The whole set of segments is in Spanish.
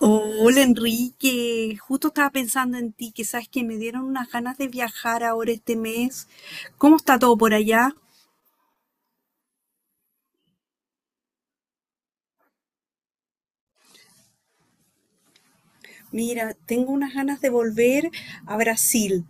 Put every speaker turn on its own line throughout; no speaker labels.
Hola Enrique, justo estaba pensando en ti, que sabes que me dieron unas ganas de viajar ahora este mes. ¿Cómo está todo por allá? Mira, tengo unas ganas de volver a Brasil.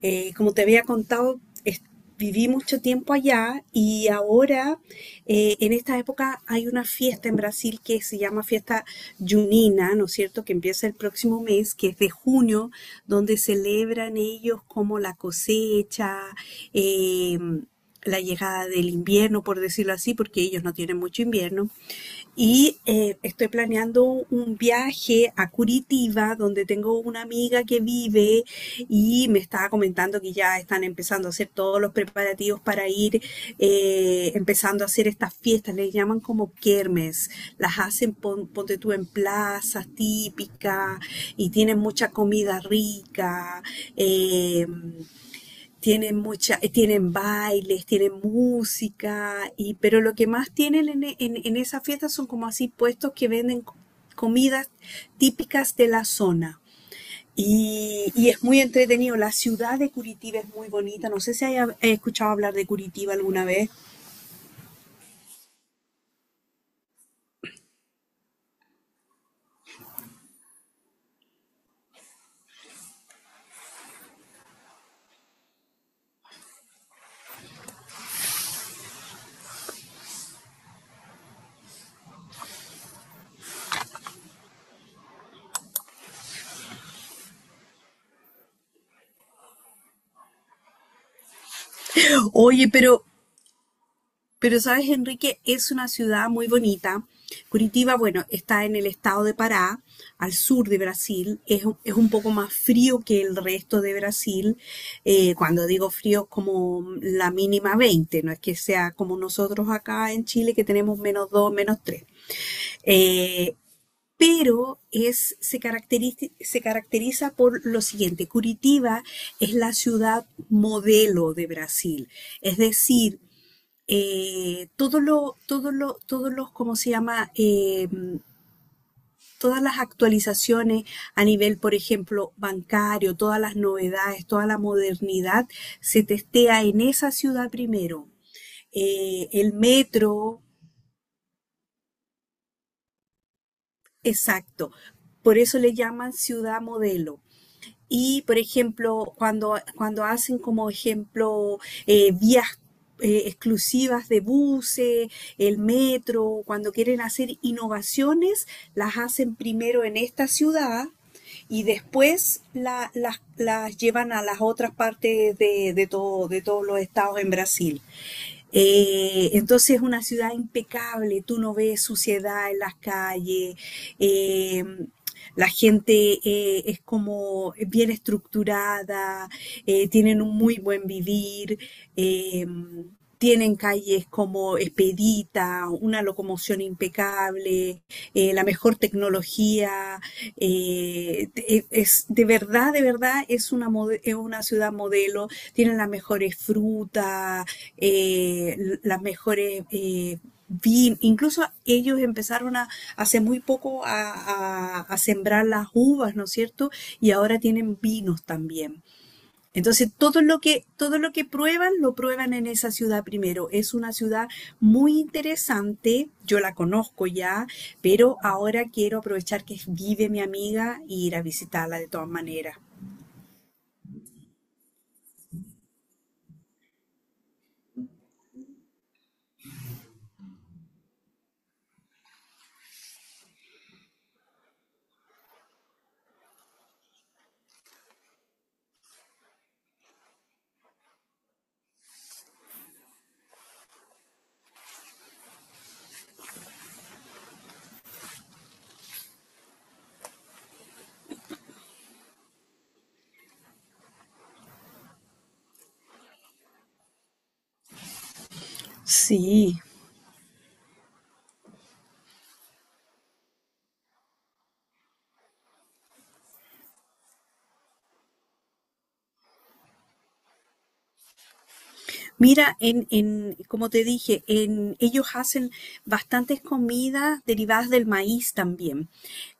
Como te había contado, es- viví mucho tiempo allá y ahora, en esta época, hay una fiesta en Brasil que se llama Fiesta Junina, ¿no es cierto?, que empieza el próximo mes, que es de junio, donde celebran ellos como la cosecha, eh, la llegada del invierno, por decirlo así, porque ellos no tienen mucho invierno. Y estoy planeando un viaje a Curitiba, donde tengo una amiga que vive y me estaba comentando que ya están empezando a hacer todos los preparativos para ir, empezando a hacer estas fiestas, les llaman como kermes, las hacen, ponte tú, en plazas típicas y tienen mucha comida rica. Eh, tienen mucha, tienen bailes, tienen música, y, pero lo que más tienen en esa fiesta son como así puestos que venden comidas típicas de la zona. Y es muy entretenido. La ciudad de Curitiba es muy bonita. No sé si haya escuchado hablar de Curitiba alguna vez. Oye, pero sabes, Enrique, es una ciudad muy bonita. Curitiba, bueno, está en el estado de Pará, al sur de Brasil. Es un poco más frío que el resto de Brasil. Cuando digo frío, como la mínima veinte. No es que sea como nosotros acá en Chile, que tenemos menos dos, menos tres. Eh, pero es, se caracteriza por lo siguiente. Curitiba es la ciudad modelo de Brasil. Es decir, todo lo, todos los, ¿cómo se llama? Todas las actualizaciones a nivel, por ejemplo, bancario, todas las novedades, toda la modernidad, se testea en esa ciudad primero. El metro, exacto. Por eso le llaman ciudad modelo. Y, por ejemplo, cuando hacen como ejemplo vías exclusivas de buses, el metro, cuando quieren hacer innovaciones, las hacen primero en esta ciudad y después las llevan a las otras partes de todos los estados en Brasil. Entonces es una ciudad impecable, tú no ves suciedad en las calles, eh, la gente es como bien estructurada, tienen un muy buen vivir. em, Tienen calles como expedita, una locomoción impecable, la mejor tecnología. De verdad, de verdad, es una ciudad modelo. Tienen las mejores frutas, las mejores... Incluso ellos empezaron a, hace muy poco a sembrar las uvas, ¿no es cierto? Y ahora tienen vinos también. Entonces, todo lo que prueban, lo prueban en esa ciudad primero. Es una ciudad muy interesante, yo la conozco ya, pero ahora quiero aprovechar que vive mi amiga y ir a visitarla de todas maneras. Sí, mira, como te dije, en, ellos hacen bastantes comidas derivadas del maíz también.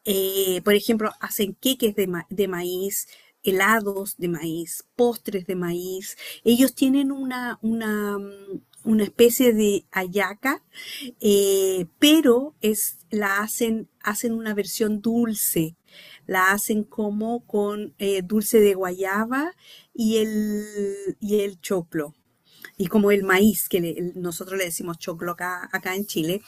Por ejemplo, hacen queques de maíz, helados de maíz, postres de maíz. Ellos tienen una especie de hallaca, pero es, hacen una versión dulce. La hacen como con dulce de guayaba y el choclo y como el maíz, que nosotros le decimos choclo acá, acá en Chile.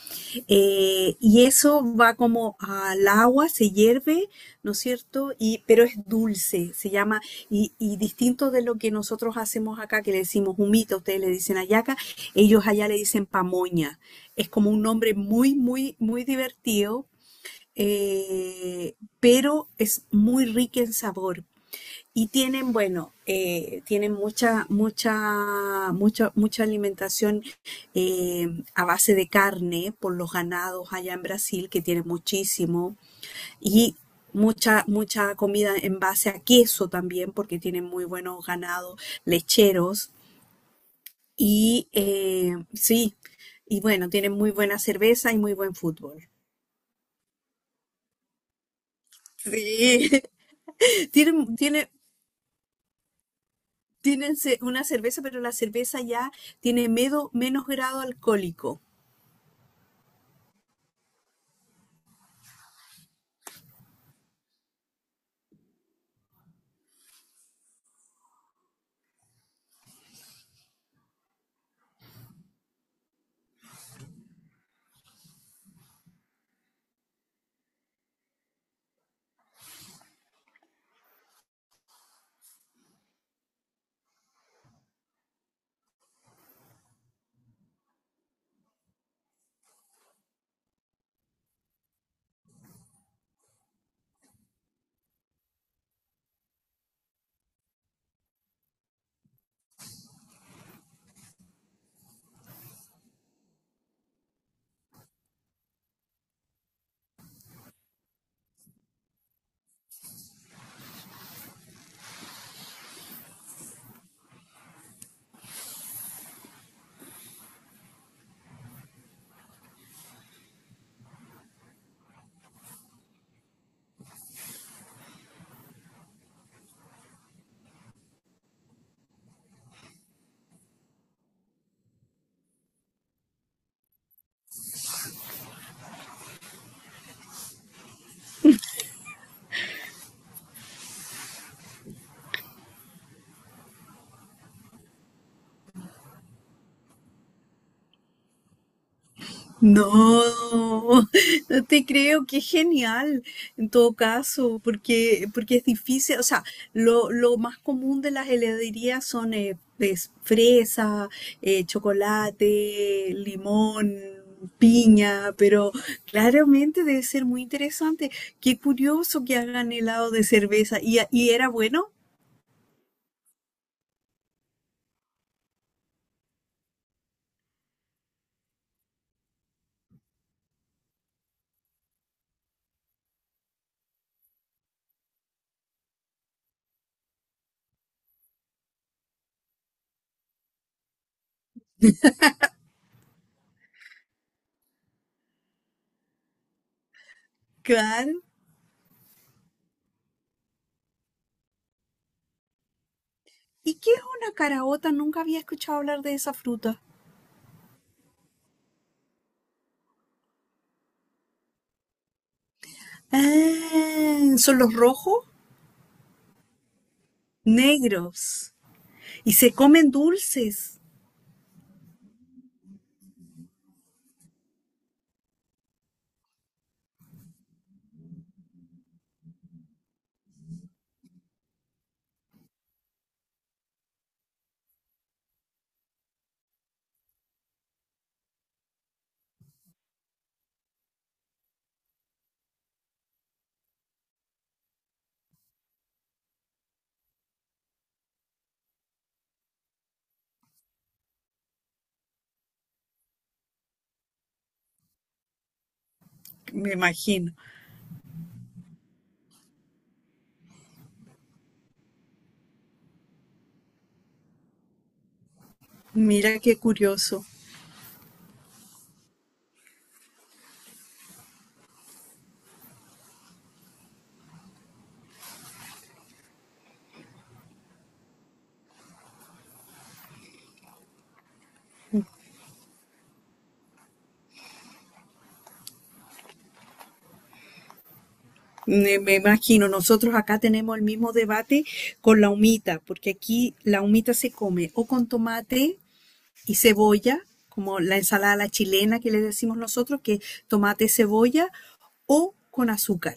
Y eso va como al agua, se hierve, ¿no es cierto? Y, pero es dulce, se llama, y distinto de lo que nosotros hacemos acá, que le decimos humita, ustedes le dicen hallaca, ellos allá le dicen pamoña. Es como un nombre muy, muy, muy divertido, pero es muy rica en sabor. Y tienen, bueno, tienen mucha, mucha, mucha, mucha alimentación eh, a base de carne por los ganados allá en Brasil, que tienen muchísimo, y mucha, mucha comida en base a queso también, porque tienen muy buenos ganados lecheros. Y sí, y bueno, tienen muy buena cerveza y muy buen fútbol. Sí, tienen, tienen, Tienen una cerveza, pero la cerveza ya tiene menos grado alcohólico. No, no te creo, qué genial en todo caso, porque, porque es difícil, o sea, lo más común de las heladerías son es fresa, chocolate, limón, piña, pero claramente debe ser muy interesante. Qué curioso que hagan helado de cerveza. Y era bueno? Claro. ¿Y qué es una caraota? Nunca había escuchado hablar de esa fruta. Ah, son los rojos, negros. Y se comen dulces, me imagino. Mira qué curioso. Me imagino, nosotros acá tenemos el mismo debate con la humita, porque aquí la humita se come o con tomate y cebolla, como la ensalada a la chilena que le decimos nosotros, que es tomate, cebolla, o con azúcar.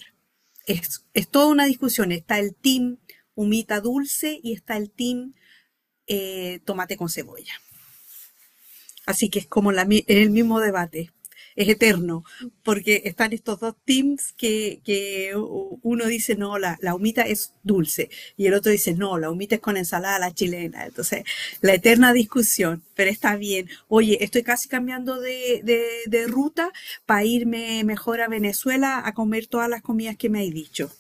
Es toda una discusión. Está el team humita dulce y está el team tomate con cebolla. Así que es como el mismo debate. Es eterno, porque están estos dos teams que uno dice, no, la humita es dulce, y el otro dice, no, la humita es con ensalada a la chilena. Entonces, la eterna discusión, pero está bien. Oye, estoy casi cambiando de ruta para irme mejor a Venezuela a comer todas las comidas que me hay dicho.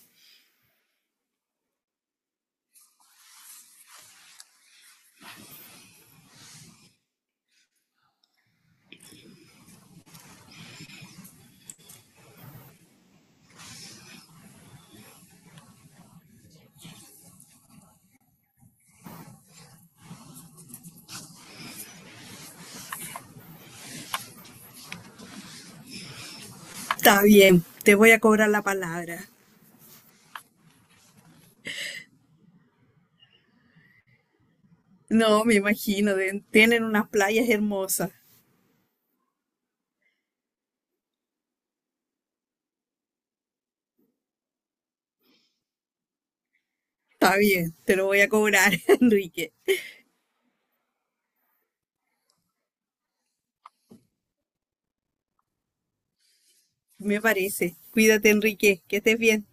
Está bien, te voy a cobrar la palabra. No, me imagino, tienen unas playas hermosas. Está bien, te lo voy a cobrar, Enrique. Me parece. Cuídate, Enrique, que estés bien.